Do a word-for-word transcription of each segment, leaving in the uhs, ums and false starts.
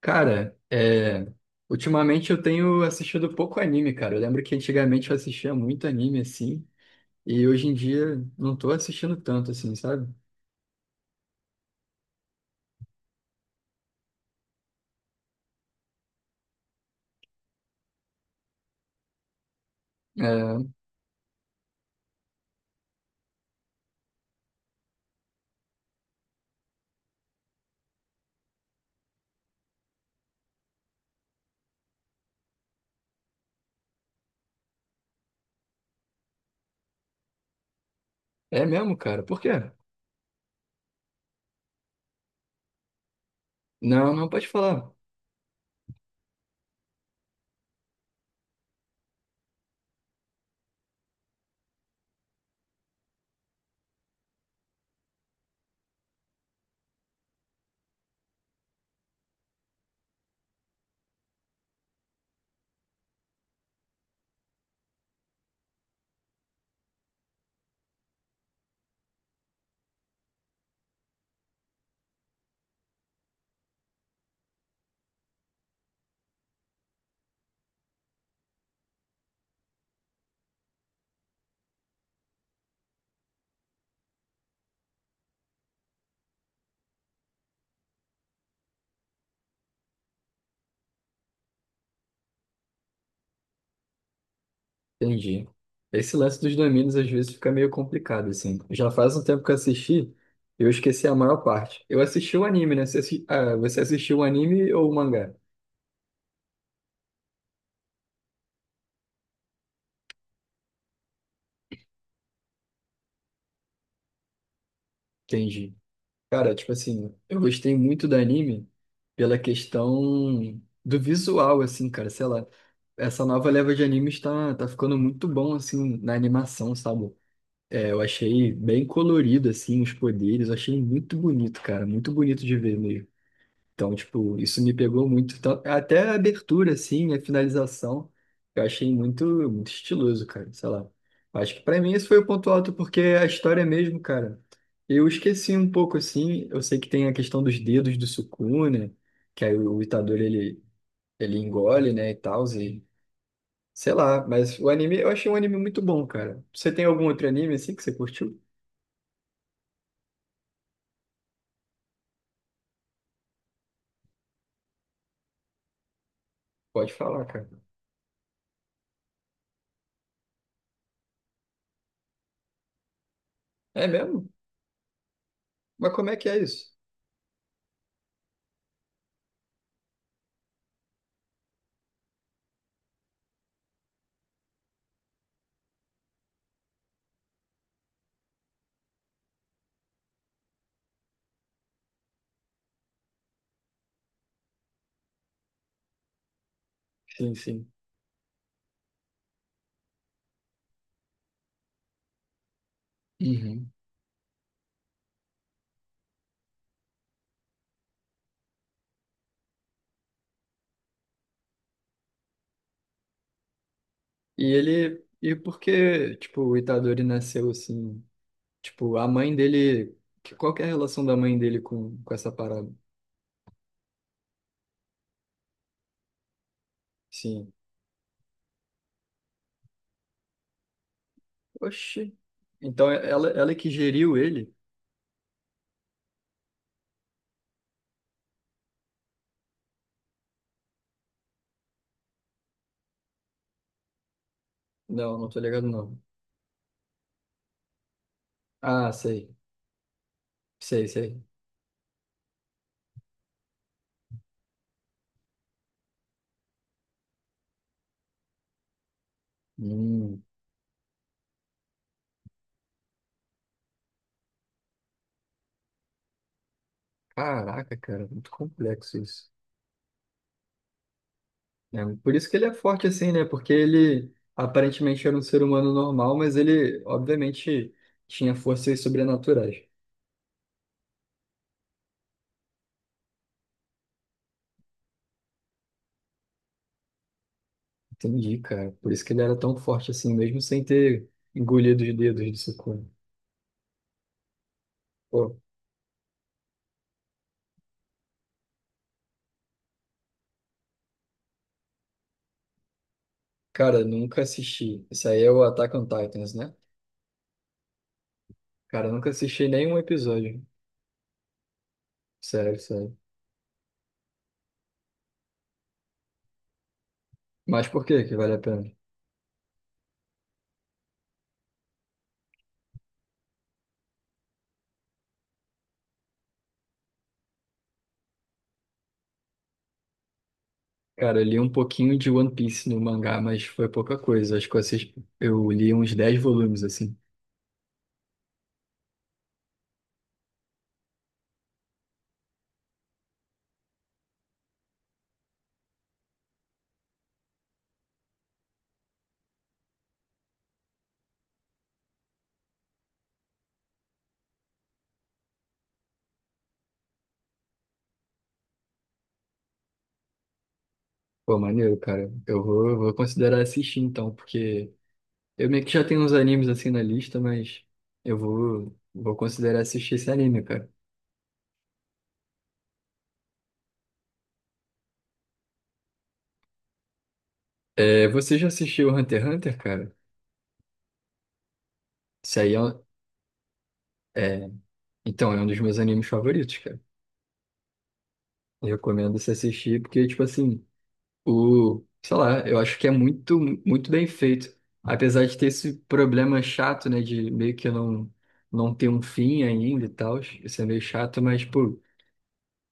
Cara, é, ultimamente eu tenho assistido pouco anime, cara. Eu lembro que antigamente eu assistia muito anime, assim, e hoje em dia não tô assistindo tanto, assim, sabe? É, é mesmo, cara. Por quê? Não, não pode falar. Entendi. Esse lance dos domínios às vezes fica meio complicado, assim. Já faz um tempo que eu assisti, eu esqueci a maior parte. Eu assisti o anime, né? Você, assi- ah, você assistiu o anime ou o mangá? Entendi. Cara, tipo assim, eu gostei muito do anime pela questão do visual, assim, cara, sei lá. Essa nova leva de animes tá, tá ficando muito bom, assim, na animação, sabe? É, eu achei bem colorido, assim, os poderes, eu achei muito bonito, cara, muito bonito de ver mesmo. Então, tipo, isso me pegou muito. Então, até a abertura, assim, a finalização, eu achei muito, muito estiloso, cara. Sei lá. Acho que pra mim esse foi o ponto alto, porque é a história mesmo, cara, eu esqueci um pouco, assim. Eu sei que tem a questão dos dedos do Sukuna, que aí o Itadori, ele, ele engole, né, e tal, e sei lá. Mas o anime, eu achei um anime muito bom, cara. Você tem algum outro anime, assim, que você curtiu? Pode falar, cara. É mesmo? Mas como é que é isso? Sim, sim. Uhum. E ele. E porque, tipo, o Itadori nasceu assim. Tipo, a mãe dele. que- Qual que é a relação da mãe dele com, com essa parada? Sim. Oxi. Então ela, ela é que geriu ele? Não, não tô ligado, não. Ah, sei. Sei, sei. Hum, caraca, cara, muito complexo isso. É, por isso que ele é forte assim, né? Porque ele aparentemente era um ser humano normal, mas ele, obviamente, tinha forças sobrenaturais. Entendi, cara. Por isso que ele era tão forte assim, mesmo sem ter engolido os dedos do Sukuna. Pô, cara, nunca assisti. Isso aí é o Attack on Titans, né? Cara, nunca assisti nenhum episódio. Sério, sério. Mas por que que vale a pena? Cara, eu li um pouquinho de One Piece no mangá, mas foi pouca coisa. Acho que eu, assisti... eu li uns dez volumes, assim. Pô, maneiro, cara. Eu vou, eu vou considerar assistir então, porque eu meio que já tenho uns animes assim na lista, mas eu vou, vou considerar assistir esse anime, cara. É, você já assistiu Hunter x Hunter, cara? Isso aí é um... Então, é um dos meus animes favoritos, cara. Eu recomendo você assistir, porque, tipo assim, o... Sei lá, eu acho que é muito, muito bem feito. Apesar de ter esse problema chato, né, de meio que não, não ter um fim ainda e tal. Isso é meio chato, mas, pô,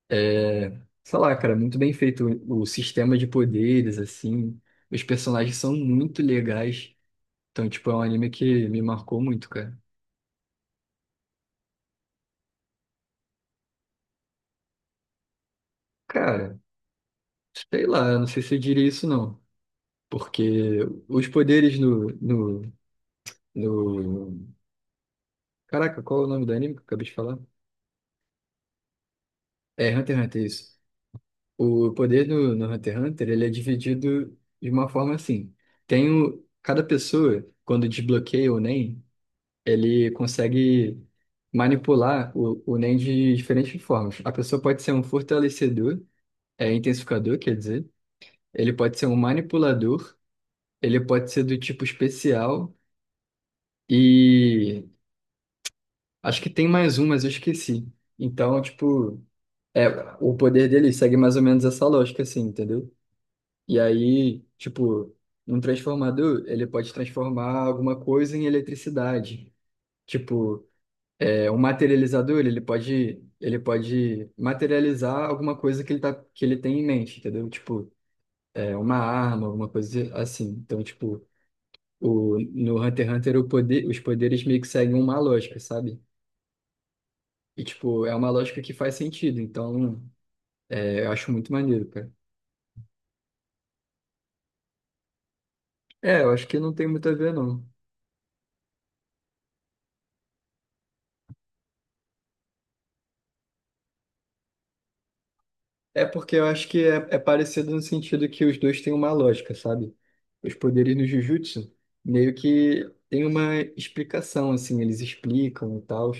é... Sei lá, cara, muito bem feito o, o sistema de poderes, assim. Os personagens são muito legais. Então, tipo, é um anime que me marcou muito, cara. Cara... Sei lá, não sei se eu diria isso não. Porque os poderes no, no, no... Caraca, qual é o nome do anime que eu acabei de falar? É Hunter x Hunter, isso. O poder no, no Hunter x Hunter, ele é dividido de uma forma assim. Tem o... Cada pessoa, quando desbloqueia o Nen, ele consegue manipular o, o Nen de diferentes formas. A pessoa pode ser um fortalecedor, é intensificador, quer dizer. Ele pode ser um manipulador, ele pode ser do tipo especial e acho que tem mais um, mas eu esqueci. Então, tipo, é, o poder dele segue mais ou menos essa lógica, assim, entendeu? E aí, tipo, um transformador, ele pode transformar alguma coisa em eletricidade. Tipo, é, um materializador, ele pode, ele pode materializar alguma coisa que ele tá, que ele tem em mente, entendeu? Tipo, é, uma arma, alguma coisa assim. Então, tipo, o, no Hunter x Hunter, o poder, os poderes meio que seguem uma lógica, sabe? E, tipo, é uma lógica que faz sentido, então é, eu acho muito maneiro, cara. É, eu acho que não tem muito a ver, não. É porque eu acho que é, é parecido no sentido que os dois têm uma lógica, sabe? Os poderes no Jujutsu meio que tem uma explicação, assim, eles explicam e tal,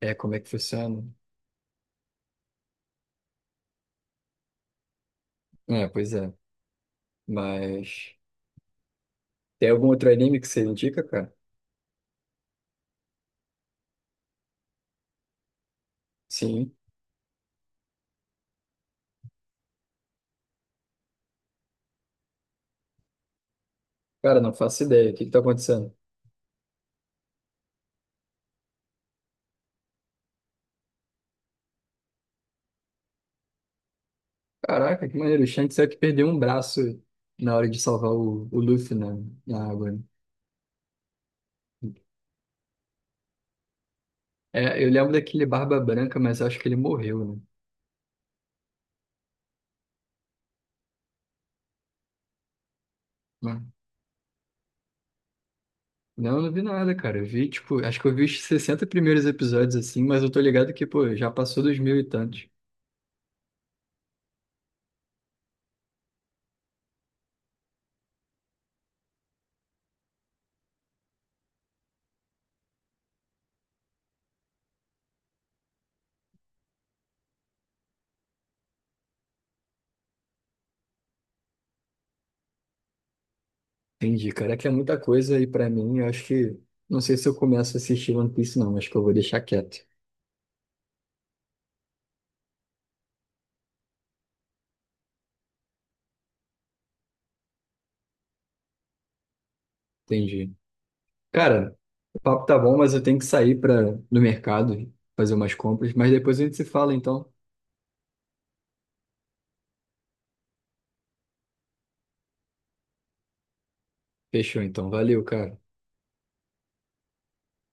é, como é que funciona. É, pois é. Mas tem algum outro anime que você indica, cara? Sim. Cara, não faço ideia. O que que tá acontecendo? Caraca, que maneiro. O Shanks é o que perdeu um braço na hora de salvar o, o Luffy na, na água. Né? É, eu lembro daquele Barba Branca, mas eu acho que ele morreu, né? Não, não, eu não vi nada, cara. Eu vi, tipo, acho que eu vi os sessenta primeiros episódios assim, mas eu tô ligado que, pô, já passou dos mil e tantos. Entendi, cara. É que é muita coisa aí pra mim. Eu acho que. Não sei se eu começo a assistir One Piece, não. Acho que eu vou deixar quieto. Entendi. Cara, o papo tá bom, mas eu tenho que sair pra, no mercado fazer umas compras. Mas depois a gente se fala, então. Fechou, então. Valeu, cara.